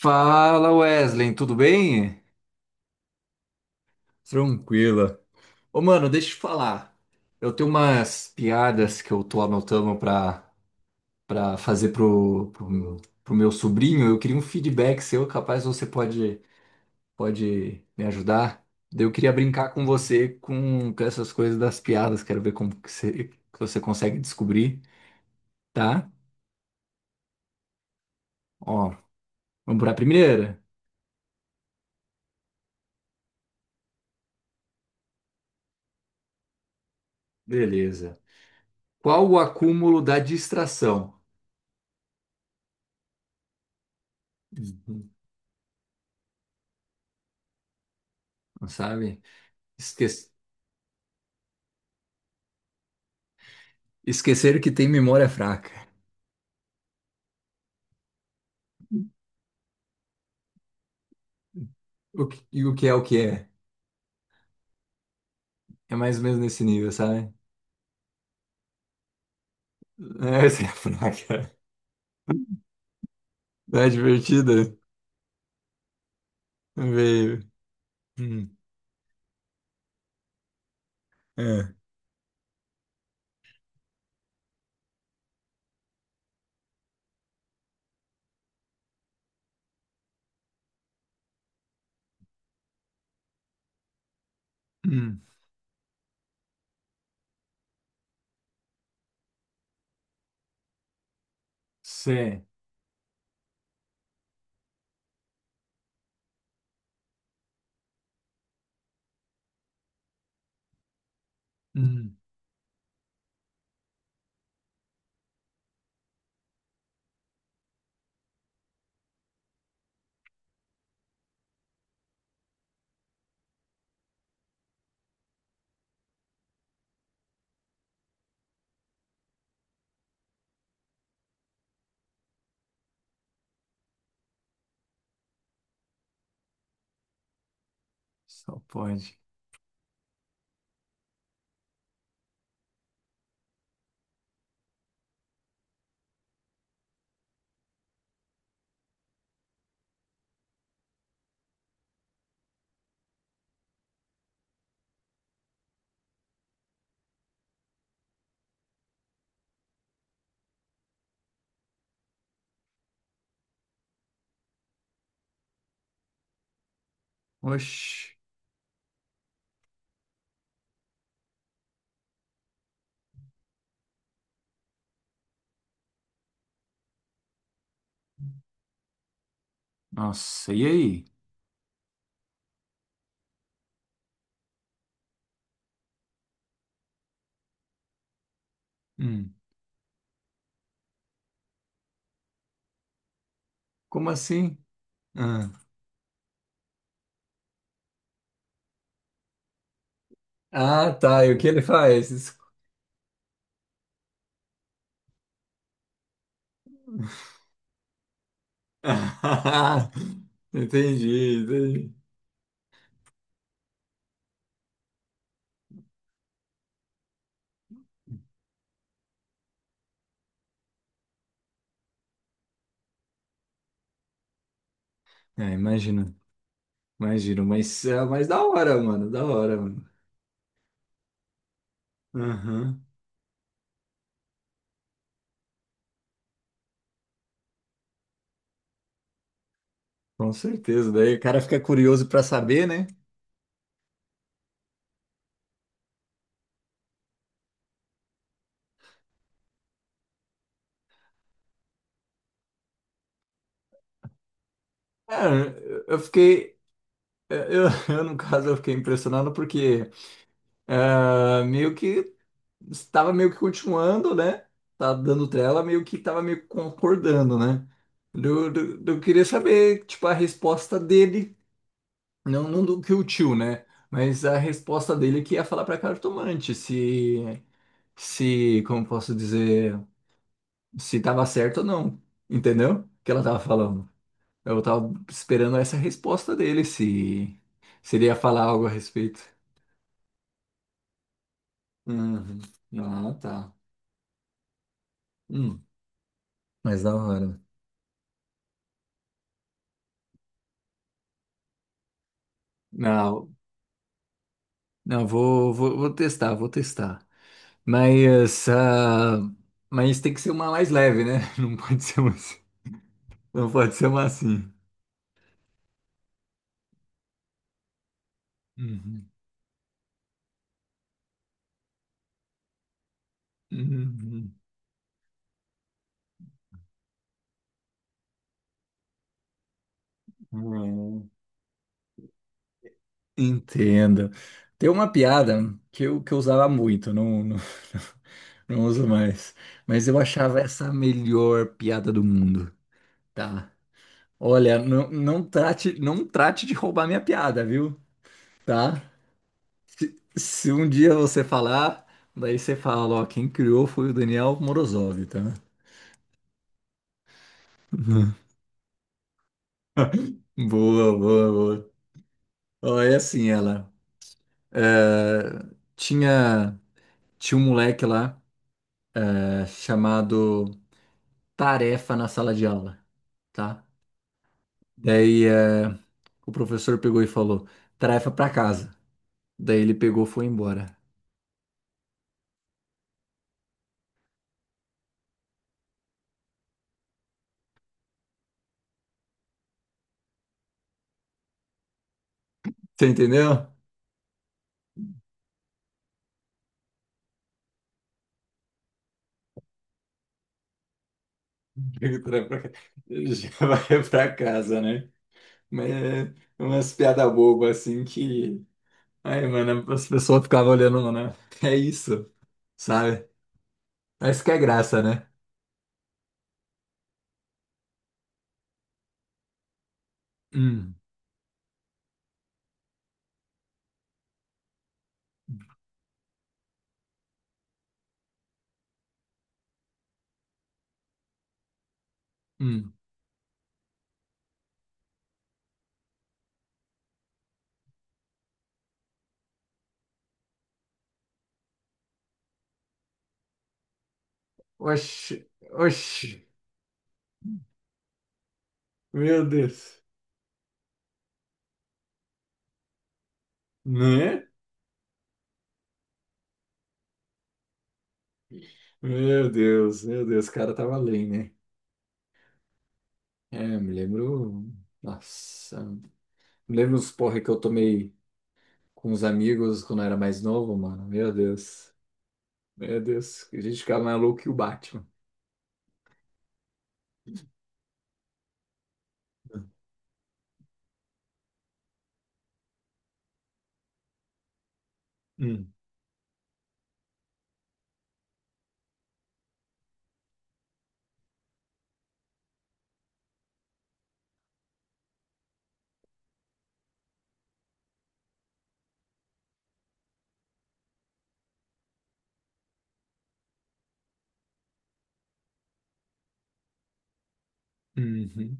Fala, Wesley, tudo bem? Tranquila. Ô mano, deixa eu te falar. Eu tenho umas piadas que eu tô anotando pra fazer pro meu sobrinho. Eu queria um feedback seu, capaz você pode me ajudar. Daí eu queria brincar com você com essas coisas das piadas. Quero ver como que você consegue descobrir, tá? Ó, vamos pra primeira? Beleza. Qual o acúmulo da distração? Uhum. Sabe? Esque Esquecer que tem memória fraca. O que, e o que é o que é? É mais ou menos nesse nível, sabe? É, essa é a fraca. Tá divertida? Veio. Hum, é. Hum, cê. Hum, só pode. Oxi. Nossa, e aí? Hum, como assim? Ah, ah, tá. E o que ele faz? Isso- Entendi, entendi. É, imagino. Mas, é, mas da hora, mano. Da hora, mano. Aham. Com certeza, daí o cara fica curioso para saber, né? Cara, eu fiquei, eu, eu, no caso, eu fiquei impressionado porque ah, meio que estava meio que continuando, né? Tá dando trela, meio que estava meio que concordando, né? Eu queria saber, tipo, a resposta dele, não, não do que o tio, né? Mas a resposta dele que ia falar pra cartomante se, como posso dizer, se tava certo ou não, entendeu? O que ela tava falando. Eu tava esperando essa resposta dele, se ele ia falar algo a respeito. Uhum. Ah, tá. Hum. Mas da hora. Não, não, vou testar, vou testar. Mas, ah, mas tem que ser uma mais leve, né? Não pode ser uma, assim- Não pode ser uma assim. Uhum. Uhum. Entendo. Tem uma piada que eu usava muito, não, não, não uso mais, mas eu achava essa a melhor piada do mundo, tá? Olha, não trate de roubar minha piada, viu? Tá? Se um dia você falar, daí você fala, ó, quem criou foi o Daniel Morozov, tá? Boa, boa, boa. Ó, é assim, ela. É, tinha, tinha um moleque lá, é, chamado. Tarefa na sala de aula, tá? Daí o professor pegou e falou, tarefa pra casa. Daí ele pegou e foi embora. Você entendeu? Pega o pra cá. Já vai pra casa, né? Mas é umas piadas bobas assim que. Ai, mano, as pessoas ficavam olhando, né? É isso, sabe? Mas que é graça, né? Hum, hum. Oxi, oxi. Meu Deus. Né? Meu Deus, o cara tava além, né? É, eu me lembro. Nossa, me lembro os porre que eu tomei com os amigos quando eu era mais novo, mano. Meu Deus. Meu Deus. A gente ficava mais louco que o Batman. Hum. Uhum.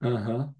Aham.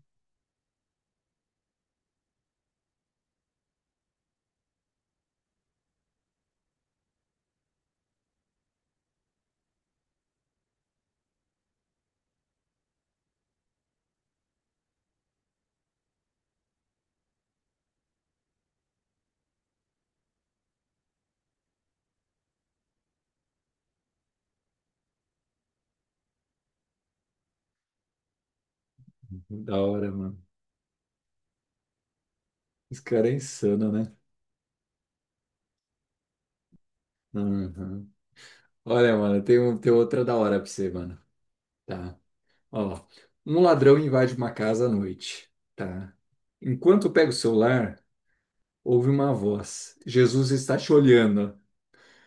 Da hora, mano. Esse cara é insano, né? Uhum. Olha, mano, tem outra da hora pra você, mano. Tá. Ó. Um ladrão invade uma casa à noite. Tá. Enquanto pega o celular, ouve uma voz: Jesus está te olhando.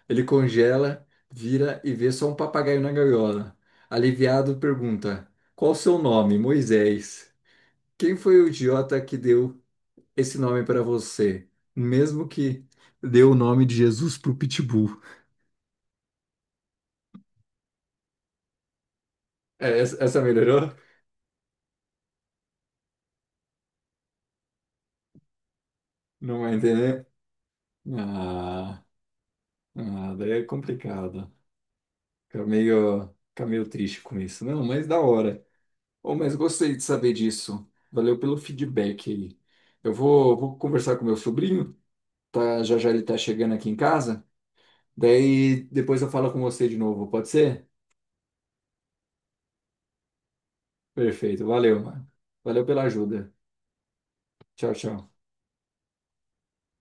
Ele congela, vira e vê só um papagaio na gaiola. Aliviado, pergunta: qual o seu nome, Moisés? Quem foi o idiota que deu esse nome para você? Mesmo que deu o nome de Jesus pro Pitbull. É, essa melhorou? Não vai entender? Ah, ah, daí é complicado. Fica meio triste com isso. Não, mas da hora. Oh, mas gostei de saber disso. Valeu pelo feedback aí. Eu vou conversar com meu sobrinho. Tá, já já ele tá chegando aqui em casa. Daí depois eu falo com você de novo, pode ser? Perfeito, valeu, mano. Valeu pela ajuda. Tchau, tchau.